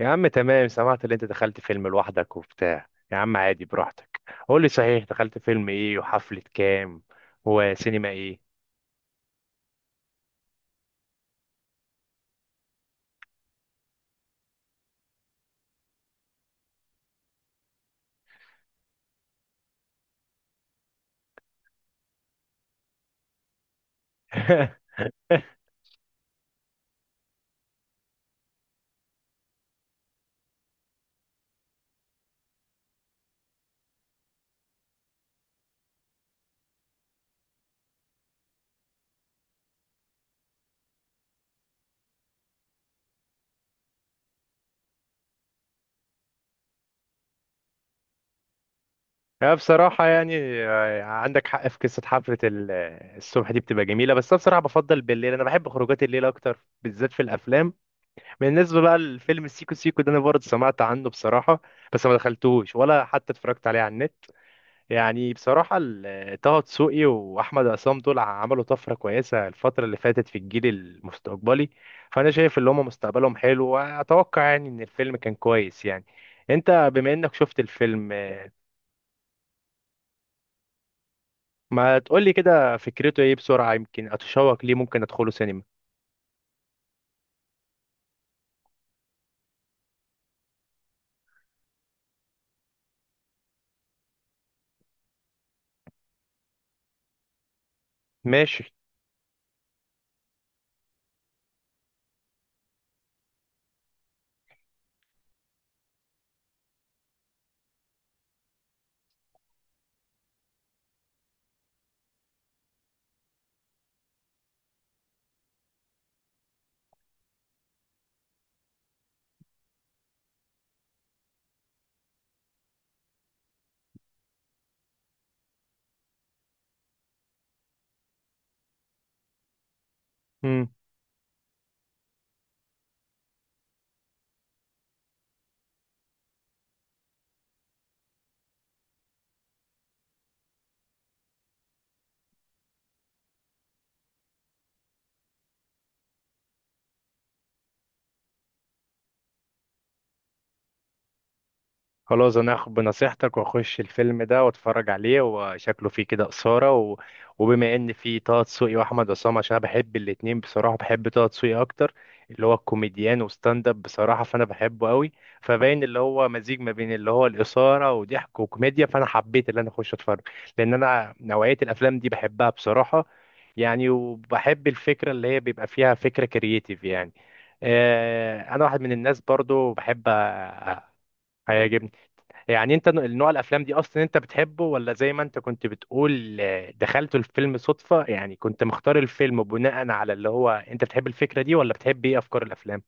يا عم تمام، سمعت اللي انت دخلت فيلم لوحدك وبتاع. يا عم عادي، براحتك. قول لي صحيح، دخلت فيلم ايه وحفلة كام وسينما ايه؟ يا بصراحة عندك حق في قصة حفلة الصبح دي، بتبقى جميلة، بس أنا بصراحة بفضل بالليل، أنا بحب خروجات الليل أكتر بالذات في الأفلام. بالنسبة بقى للفيلم السيكو سيكو ده، أنا برضه سمعت عنه بصراحة، بس ما دخلتوش ولا حتى اتفرجت عليه على النت. يعني بصراحة طه دسوقي وأحمد عصام دول عملوا طفرة كويسة الفترة اللي فاتت في الجيل المستقبلي. فأنا شايف إن هما مستقبلهم حلو، وأتوقع يعني إن الفيلم كان كويس يعني. أنت بما إنك شفت الفيلم، ما تقولي كده فكرته إيه بسرعة، يمكن أتشوق ليه ممكن أدخله سينما. ماشي. خلاص انا هاخد بنصيحتك واخش الفيلم ده واتفرج عليه، وشكله فيه كده اثاره وبما ان فيه طه دسوقي واحمد عصام، عشان انا بحب الاتنين، بصراحه بحب طه دسوقي اكتر، اللي هو الكوميديان وستاند اب، بصراحه فانا بحبه قوي. فباين اللي هو مزيج ما بين اللي هو الاثاره وضحك وكوميديا، فانا حبيت اللي انا اخش اتفرج، لان انا نوعيه الافلام دي بحبها بصراحه يعني. وبحب الفكره اللي هي بيبقى فيها فكره كرييتيف يعني. آه، انا واحد من الناس برضو بحب أ- هيعجبني. يعني انت النوع الافلام دي اصلا انت بتحبه، ولا زي ما انت كنت بتقول آه، دخلت الفيلم صدفة، يعني كنت مختار الفيلم بناء على اللي هو انت بتحب الفكرة دي، ولا بتحب ايه افكار الافلام؟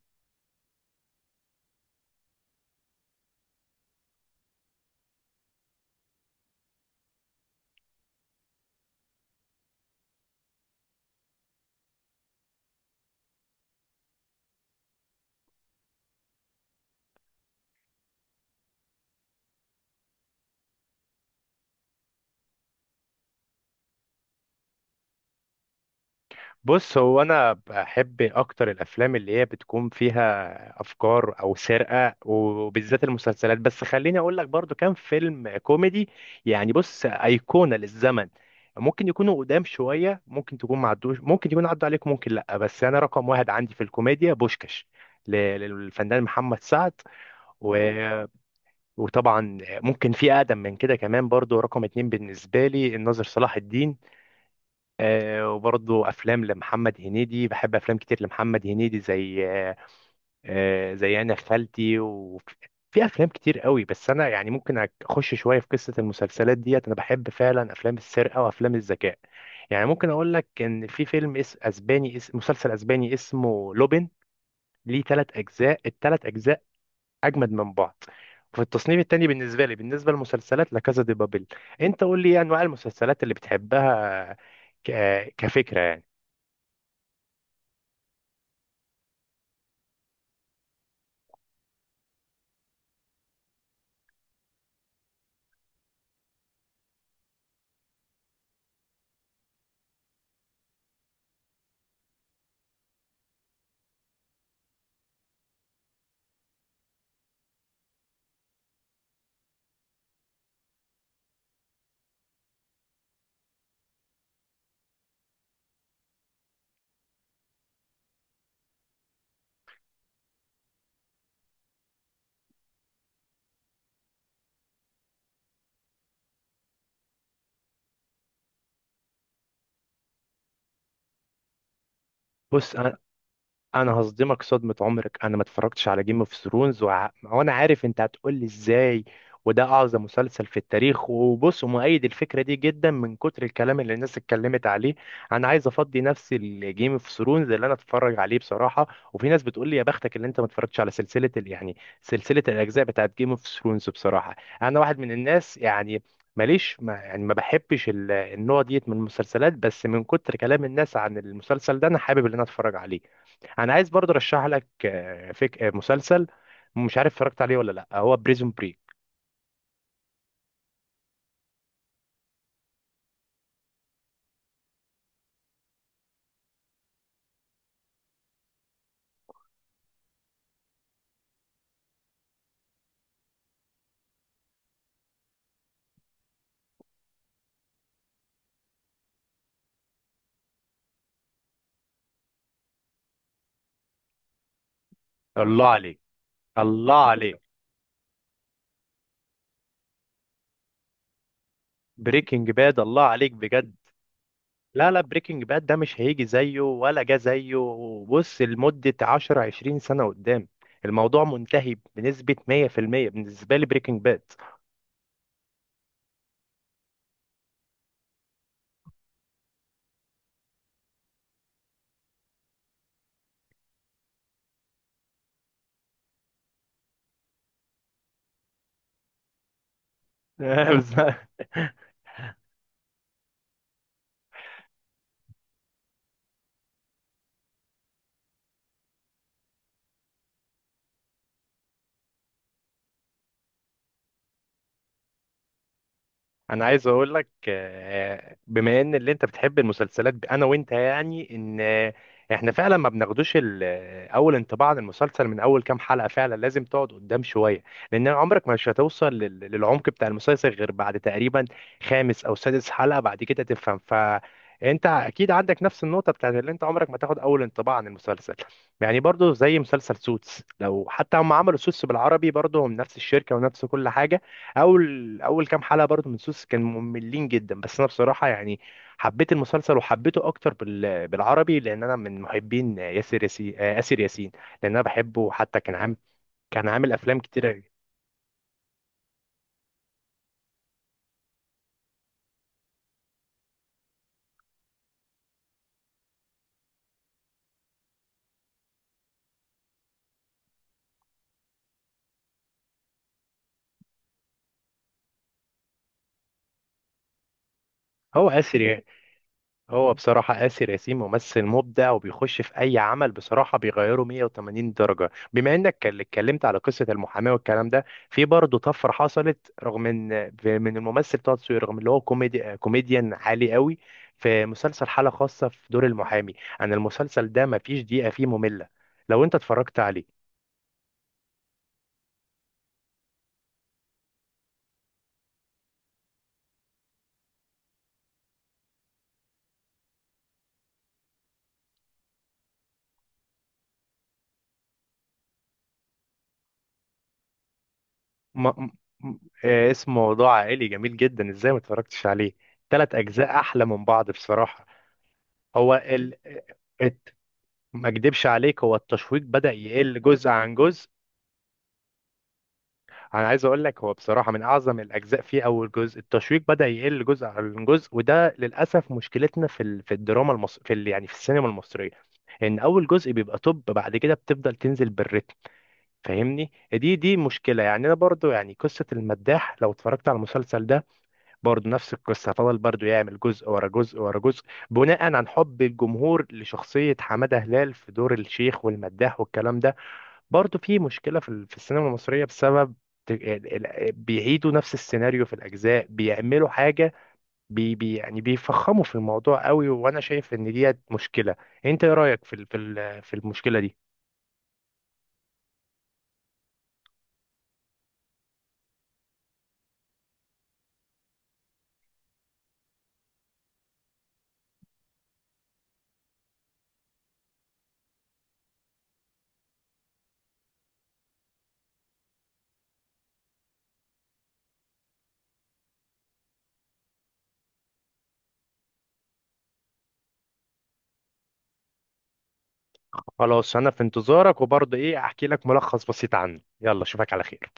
بص، هو انا بحب اكتر الافلام اللي هي بتكون فيها افكار او سرقه، وبالذات المسلسلات، بس خليني اقول لك برضو كام فيلم كوميدي يعني. بص، ايقونه للزمن، ممكن يكونوا قدام شويه، ممكن تكون معدوش، ممكن يكون عدوا عليك، ممكن لا، بس انا رقم واحد عندي في الكوميديا بوشكش للفنان محمد سعد. و... وطبعا ممكن في اقدم من كده كمان، برضو رقم اتنين بالنسبه لي الناظر صلاح الدين. آه، وبرضه افلام لمحمد هنيدي، بحب افلام كتير لمحمد هنيدي، زي آه، زي انا خالتي، وفي افلام كتير قوي. بس انا يعني ممكن اخش شويه في قصه المسلسلات ديت، انا بحب فعلا افلام السرقه وافلام الذكاء يعني. ممكن اقول لك ان في فيلم اسباني، مسلسل اسباني اسمه لوبين، ليه ثلاث اجزاء، الثلاث اجزاء اجمد من بعض. وفي التصنيف التاني بالنسبه لي، بالنسبه للمسلسلات، لا كازا دي بابل. انت قول لي ايه انواع المسلسلات اللي بتحبها كفكره يعني؟ بص انا، انا هصدمك صدمة عمرك، انا ما اتفرجتش على جيم اوف ثرونز. وانا عارف انت هتقول لي ازاي، وده اعظم مسلسل في التاريخ، وبص، مؤيد الفكرة دي جدا من كتر الكلام اللي الناس اتكلمت عليه. انا عايز افضي نفسي الجيم اوف ثرونز اللي انا اتفرج عليه بصراحة. وفي ناس بتقول لي يا بختك اللي انت ما اتفرجتش على سلسلة يعني سلسلة الاجزاء بتاعت جيم اوف ثرونز. بصراحة انا واحد من الناس يعني ماليش ما بحبش النوع ديت من المسلسلات، بس من كتر كلام الناس عن المسلسل ده انا حابب ان انا اتفرج عليه. انا عايز برضه ارشح لك آه، فيك آه، مسلسل، مش عارف اتفرجت عليه ولا لا، هو بريزون بريك. الله عليك. الله عليك، بريكنج باد، الله عليك بجد. لا، بريكنج باد ده مش هيجي زيه ولا جه زيه. بص، لمدة 10 20 سنة قدام، الموضوع منتهي بنسبة 100% بالنسبة لي بريكنج باد. انا عايز اقول لك آه، بما ان اللي انت بتحب المسلسلات، انا وانت يعني ان آه، احنا فعلا ما بناخدوش اول انطباع عن المسلسل من اول كام حلقة، فعلا لازم تقعد قدام شوية. لان عمرك مش هتوصل للعمق بتاع المسلسل غير بعد تقريبا خامس او سادس حلقة، بعد كده تفهم. فانت اكيد عندك نفس النقطة بتاعت اللي انت عمرك ما تاخد اول انطباع عن المسلسل. يعني برضو زي مسلسل سوتس، لو حتى هم عملوا سوتس بالعربي، برضو هم نفس الشركة ونفس كل حاجة. اول كام حلقه برضو من سوس كانوا مملين جدا، بس انا بصراحه يعني حبيت المسلسل، وحبيته اكتر بالعربي، لان انا من محبين ياسر ياسين آه، اسر ياسين، لان انا بحبه. حتى كان عامل، كان عامل افلام كتيره. هو اسر، هو بصراحة آسر ياسين ممثل مبدع، وبيخش في أي عمل بصراحة بيغيره 180 درجة. بما إنك اتكلمت على قصة المحاماة والكلام ده، في برضه طفرة حصلت، رغم إن من الممثل طه دسوقي، رغم اللي هو كوميديان عالي قوي، في مسلسل حالة خاصة في دور المحامي. أنا المسلسل ده مفيش دقيقة فيه مملة لو أنت اتفرجت عليه. ما م- م- آه، اسمه موضوع عائلي، جميل جدا، إزاي ما اتفرجتش عليه؟ تلات أجزاء أحلى من بعض بصراحة. هو ال... آه، ما اكدبش عليك، هو التشويق بدأ يقل جزء عن جزء. انا عايز اقول لك هو بصراحة من اعظم الاجزاء فيه اول جزء، التشويق بدأ يقل جزء عن جزء، وده للاسف مشكلتنا في الدراما المصرية، يعني في السينما المصرية، ان اول جزء بيبقى توب، بعد كده بتفضل تنزل بالريتم. فاهمني، دي مشكلة يعني. انا برضو يعني قصة المداح، لو اتفرجت على المسلسل ده، برضو نفس القصة، فضل برضو يعمل جزء ورا جزء ورا جزء بناء عن حب الجمهور لشخصية حمادة هلال في دور الشيخ والمداح والكلام ده. برضه في مشكلة في السينما المصرية بسبب بيعيدوا نفس السيناريو في الأجزاء، بيعملوا حاجة بي بي يعني بيفخموا في الموضوع قوي، وأنا شايف إن دي مشكلة. أنت إيه رأيك في المشكلة دي؟ خلاص أنا في انتظارك، وبرضه إيه أحكي لك ملخص بسيط عنه. يلا أشوفك على خير.